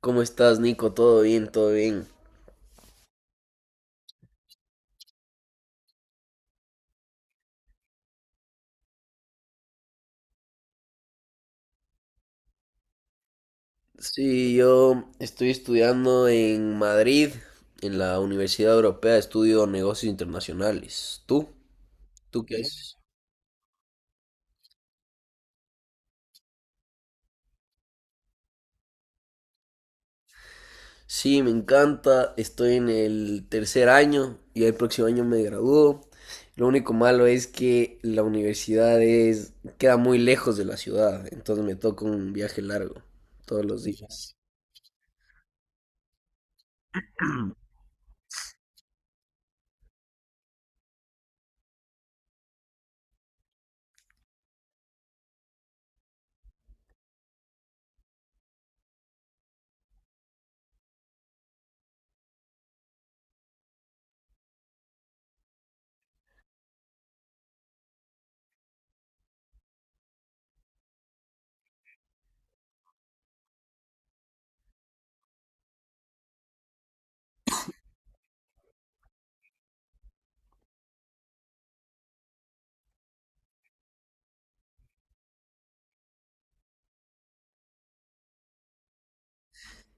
¿Cómo estás, Nico? ¿Todo bien? ¿Todo bien? Sí, yo estoy estudiando en Madrid, en la Universidad Europea, estudio negocios internacionales. ¿Tú qué haces? Sí, me encanta, estoy en el tercer año y el próximo año me gradúo. Lo único malo es que la universidad queda muy lejos de la ciudad, entonces me toca un viaje largo todos los días.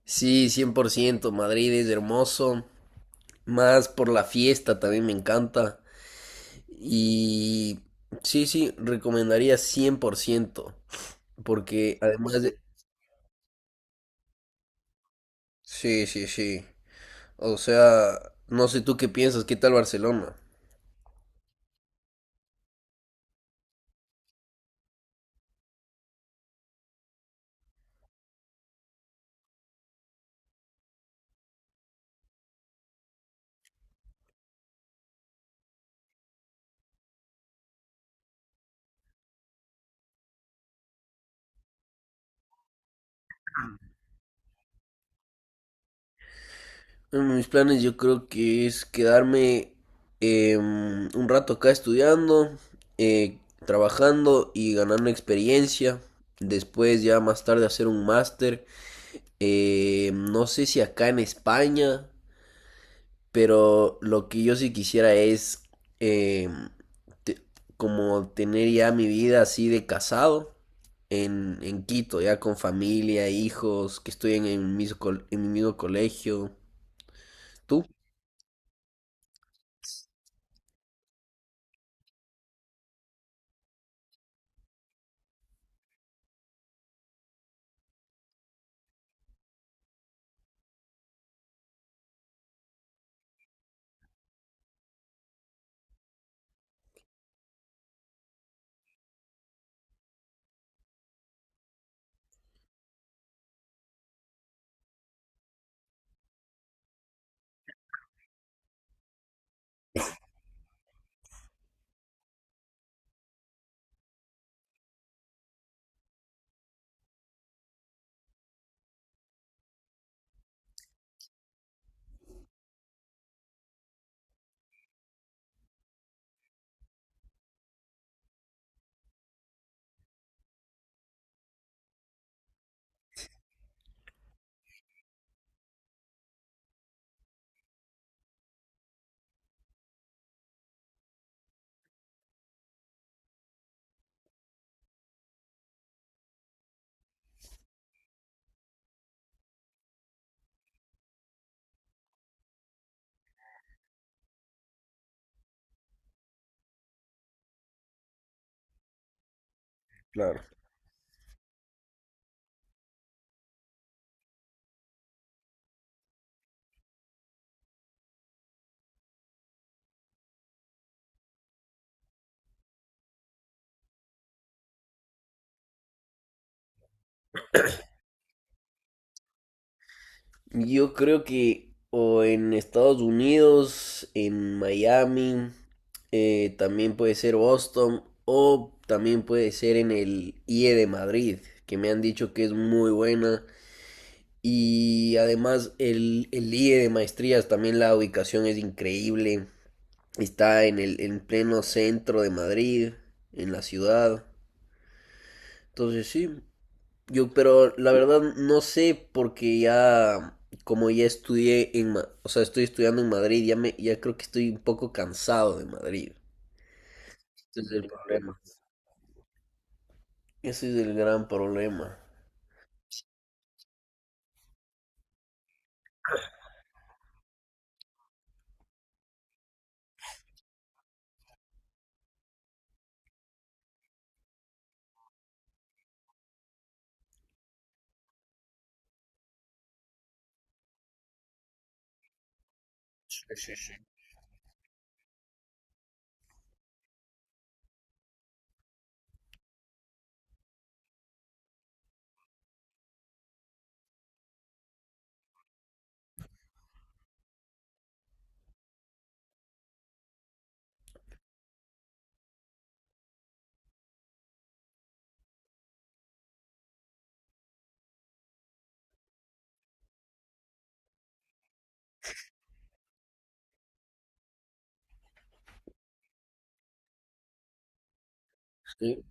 Sí, 100%. Madrid es hermoso. Más por la fiesta también me encanta. Y sí, sí, recomendaría 100%. Porque además de... Sí, sí, sí. O sea, no sé tú qué piensas, ¿qué tal Barcelona? En mis planes yo creo que es quedarme un rato acá estudiando, eh, trabajando y ganando experiencia. Después ya más tarde hacer un máster. No sé si acá en España. Pero lo que yo sí quisiera es eh, te- como tener ya mi vida así de casado en Quito, ya con familia, hijos, que estoy en en mi mismo colegio. ¿Tú? Claro. Yo creo que o en Estados Unidos, en Miami, también puede ser Boston o también puede ser en el IE de Madrid, que me han dicho que es muy buena. Y además el IE de maestrías, también la ubicación es increíble. Está en el en pleno centro de Madrid, en la ciudad. Entonces sí, yo pero la verdad no sé porque ya como ya estudié o sea, estoy estudiando en Madrid, ya creo que estoy un poco cansado de Madrid. Ese es el problema. Ese es el gran problema. Sí.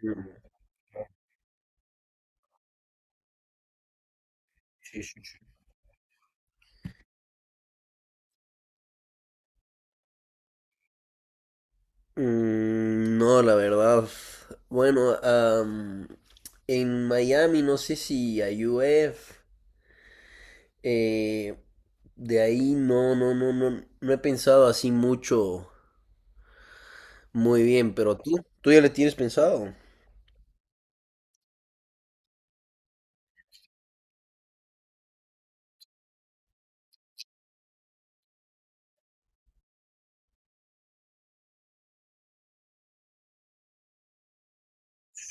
Sí, sí, sí. No, la verdad. Bueno, en Miami no sé si a UF, eh, de ahí no, no, no, no, no he pensado así mucho, muy bien, pero tú ya le tienes pensado.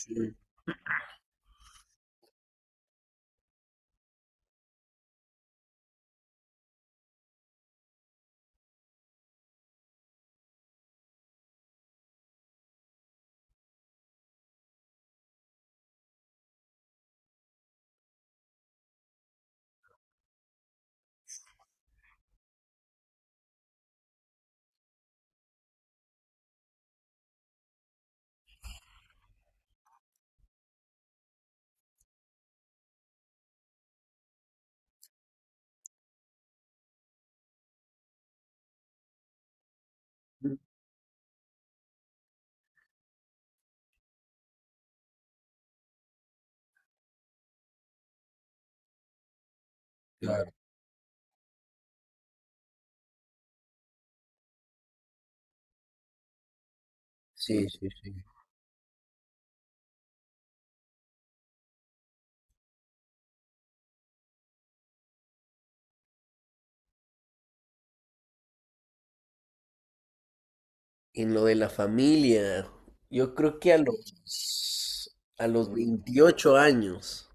Mm, claro, sí, sí, sí. En lo de la familia, yo creo que a los 28 años.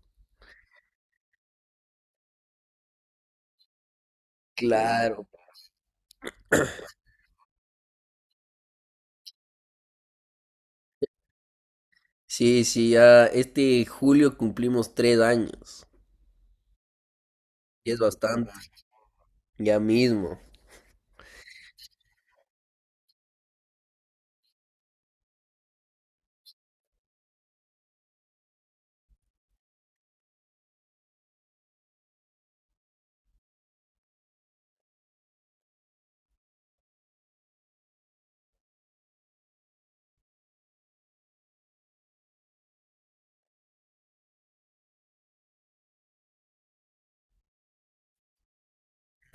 Claro. Sí, sí, ya este julio cumplimos 3 años. Y es bastante. Ya mismo.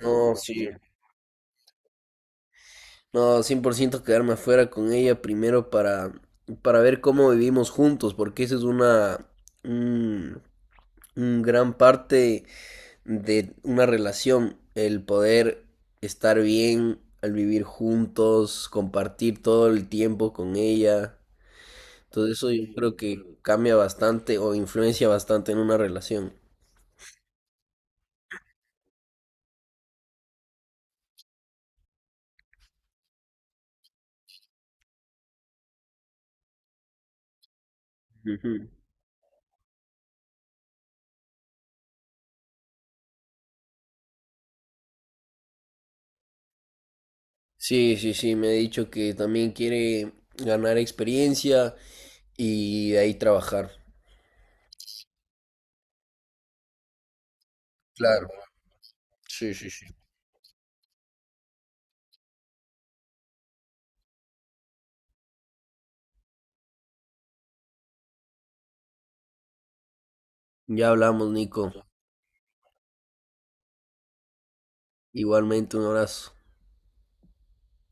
No, sí. No, 100% quedarme afuera con ella primero para ver cómo vivimos juntos, porque esa es un, un gran parte de una relación, el poder estar bien al vivir juntos, compartir todo el tiempo con ella. Entonces eso yo creo que cambia bastante o influencia bastante en una relación. Ujú. Sí, sí, sí, me ha dicho que también quiere ganar experiencia, y de ahí trabajar. Claro, sí, sí, sí. Ya hablamos, Nico. Igualmente, un abrazo.